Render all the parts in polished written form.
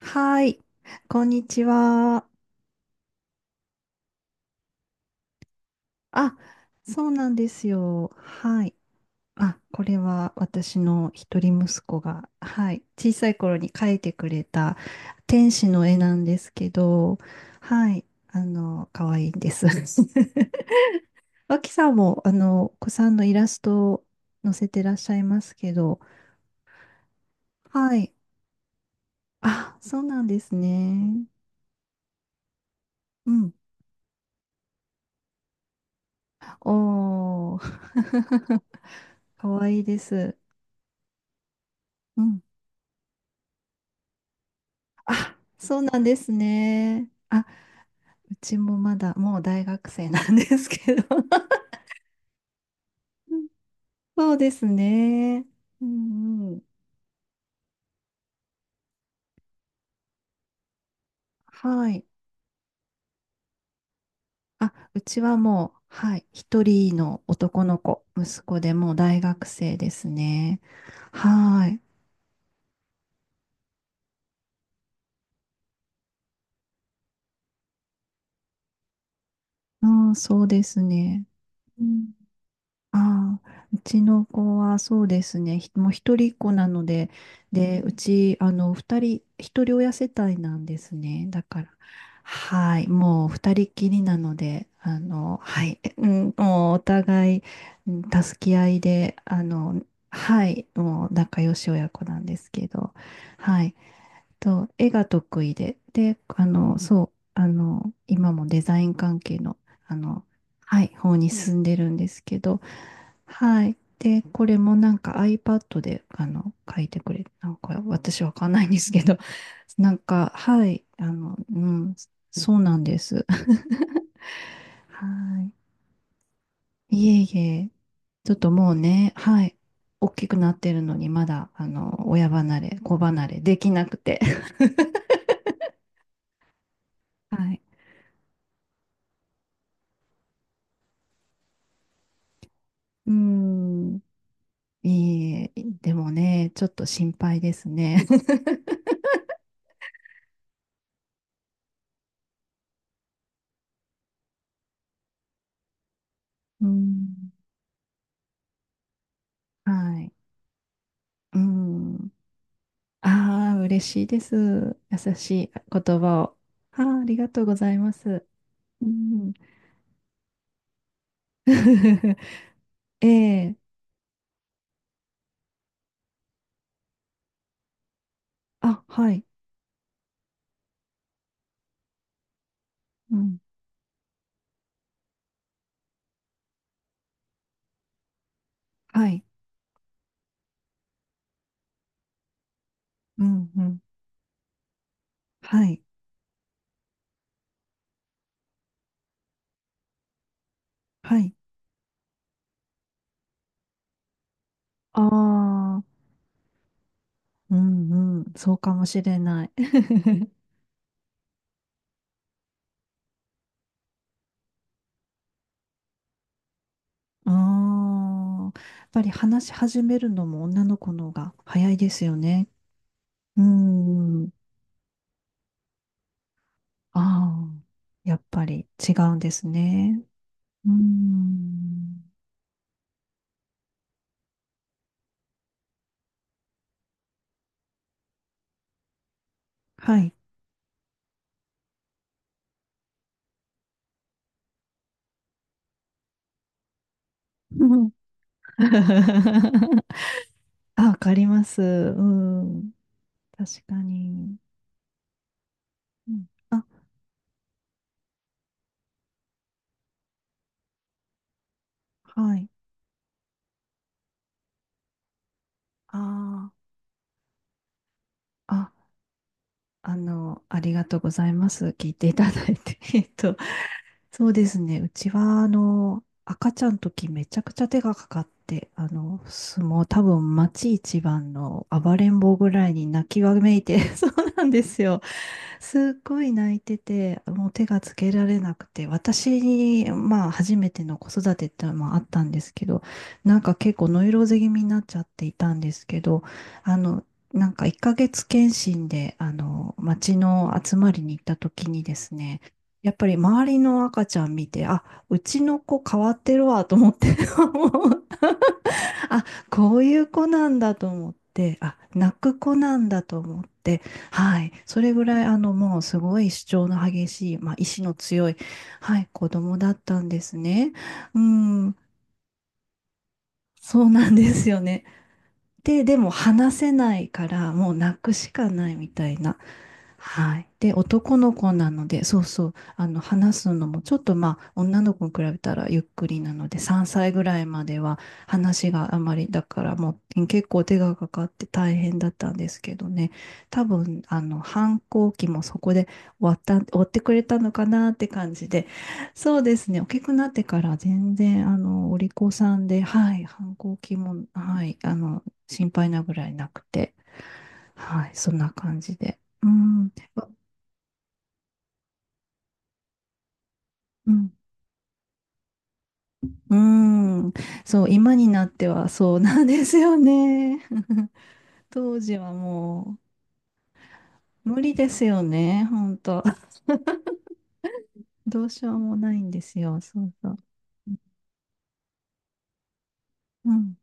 はい。こんにちは。あ、そうなんですよ。はい。あ、これは私の一人息子が、はい。小さい頃に描いてくれた天使の絵なんですけど、はい。可愛いんです。脇さんも、お子さんのイラストを載せてらっしゃいますけど、はい。あ、そうなんですね。うん。おー。可愛いいです。うんあ、そうなんですね。あ、うちもまだ、もう大学生なんですけど。そうですね。うんうん。はい。あ、うちはもう、はい。一人の男の子、息子でもう大学生ですね。はい。うん、そうですね。うんああ、うちの子はそうですね、もう一人っ子なので、で、うち、二人、一人親世帯なんですね。だから、はい、もう二人っきりなので、はい、えうん、もうお互い、うん助け合いで、はい、もう仲良し親子なんですけど、はい。そう、絵が得意で、で、そう、今もデザイン関係の、あの、はい、方に進んでるんですけど、はい。で、これもなんか iPad で、書いてくれ、なんか私わかんないんですけど、なんか、はい、そうなんです。はい。いえいえ、ちょっともうね、はい、大きくなってるのに、まだ、親離れ、子離れできなくて。はい。うん。いい、でもね、ちょっと心配ですね。うん。はい。うん。ああ、嬉しいです。優しい言葉を。ああ、ありがとうございます。うん。ええ。あ、はい。うん。はい。うん、うん。はい。はい。ああ、うん、うん。そうかもしれない。ああ、やっぱり話し始めるのも女の子の方が早いですよね。うん。ああ、やっぱり違うんですね。うーん。はい。うん あ、わかります。うん。確かに。うんあ、はい。ああ、あ、ありがとうございます。聞いていただいて。そうですね。うちは、赤ちゃんの時めちゃくちゃ手がかかって、もう多分町一番の暴れん坊ぐらいに泣きわめいて、そうなんですよ。すっごい泣いてて、もう手がつけられなくて、私に、まあ、初めての子育てってのもあったんですけど、なんか結構ノイローゼ気味になっちゃっていたんですけど、あの、なんか1ヶ月検診で、町の集まりに行った時にですね、やっぱり周りの赤ちゃん見て、あ、うちの子変わってるわと思って、もうあ、こういう子なんだと思って、あ、泣く子なんだと思って、はい。それぐらい、もうすごい主張の激しい、まあ、意志の強い、はい、子供だったんですね。うん、そうなんですよね。でも話せないから、もう泣くしかないみたいな。はい。で、男の子なので、そうそう、話すのも、ちょっとまあ、女の子に比べたらゆっくりなので、3歳ぐらいまでは話があまり、だからもう結構手がかかって大変だったんですけどね、多分、反抗期もそこで終わってくれたのかなって感じで、そうですね、大きくなってから全然、お利口さんで、はい、反抗期も、はい、心配なぐらいなくて、はい、そんな感じで。うん、うん、うん、そう、今になってはそうなんですよね。当時はもう無理ですよね、本当。どうしようもないんですよ、そうそう。うん、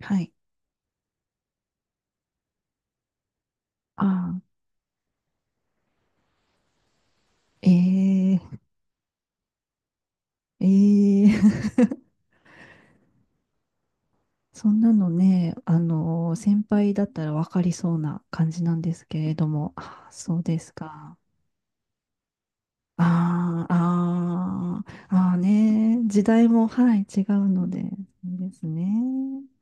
はい。ああ、ええええ そんなのね、先輩だったら分かりそうな感じなんですけれども、ああそうですか。ああ、ああ、ああね、時代も、はい、違うので、そうですね。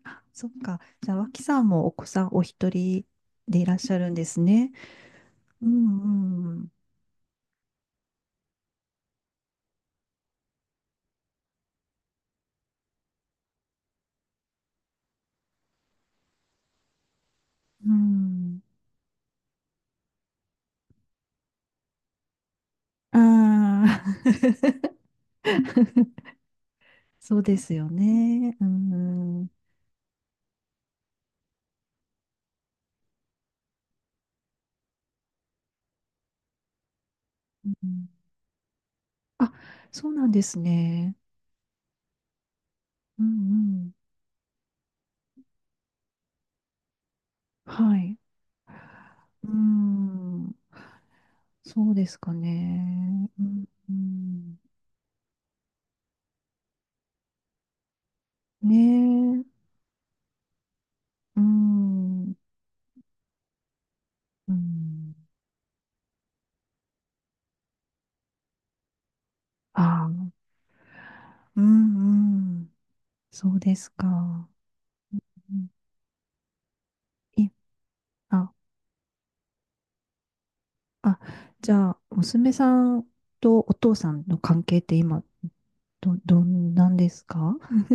あそっか。じゃあ、脇さんもお子さんお一人でいらっしゃるんですね。うん、うん、うん。ああ、そうですよね。うん、うん。あ、そうなんですね。うん、うん。はい。うん、そうですかね。うん、うん。ねえ。うん。うん。ああ、うんうん。そうですか。うんいあ、あ、じゃあ、娘さんとお父さんの関係って今、どんなんですか？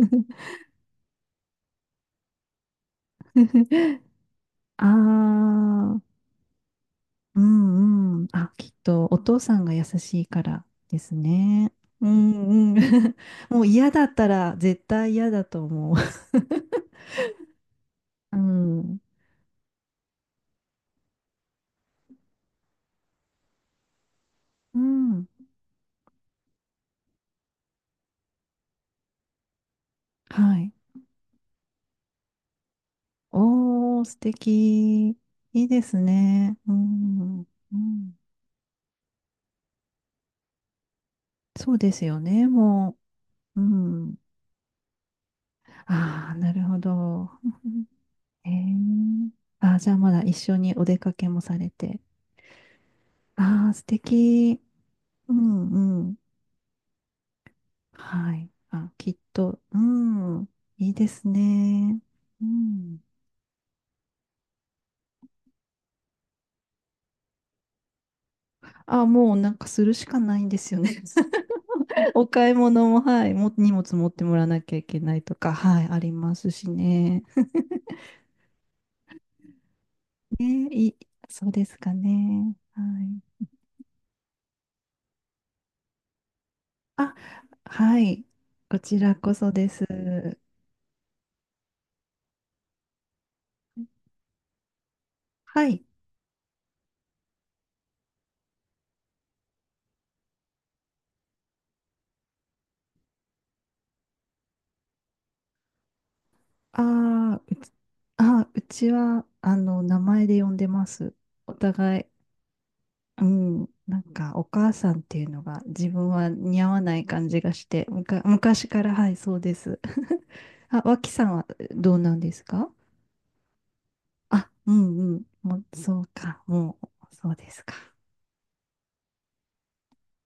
ああ、うんうん。あ、きっとお父さんが優しいからですね。うんうん。もう嫌だったら絶対嫌だと思う。うん。うん。はい。おー、素敵。いいですね。うん。うん。そうですよね、もう。うん。ああ、なるほど。えーじゃあまだ一緒にお出かけもされて。ああ、素敵。うんうん。はい。あ、きっと。うん。いいですね。うん。あ、もうなんかするしかないんですよね。お買い物も、はい、も、荷物持ってもらわなきゃいけないとか、はい、ありますしね。ねえいい、そうですかね。はい。あ、はい。こちらこそです。はい。あーうち、うちは、名前で呼んでます。お互い。うん。なんか、お母さんっていうのが自分は似合わない感じがして、昔から、はい、そうです。あ、脇さんはどうなんですかあ、うんうん。もう、そうか。もう、そうですか。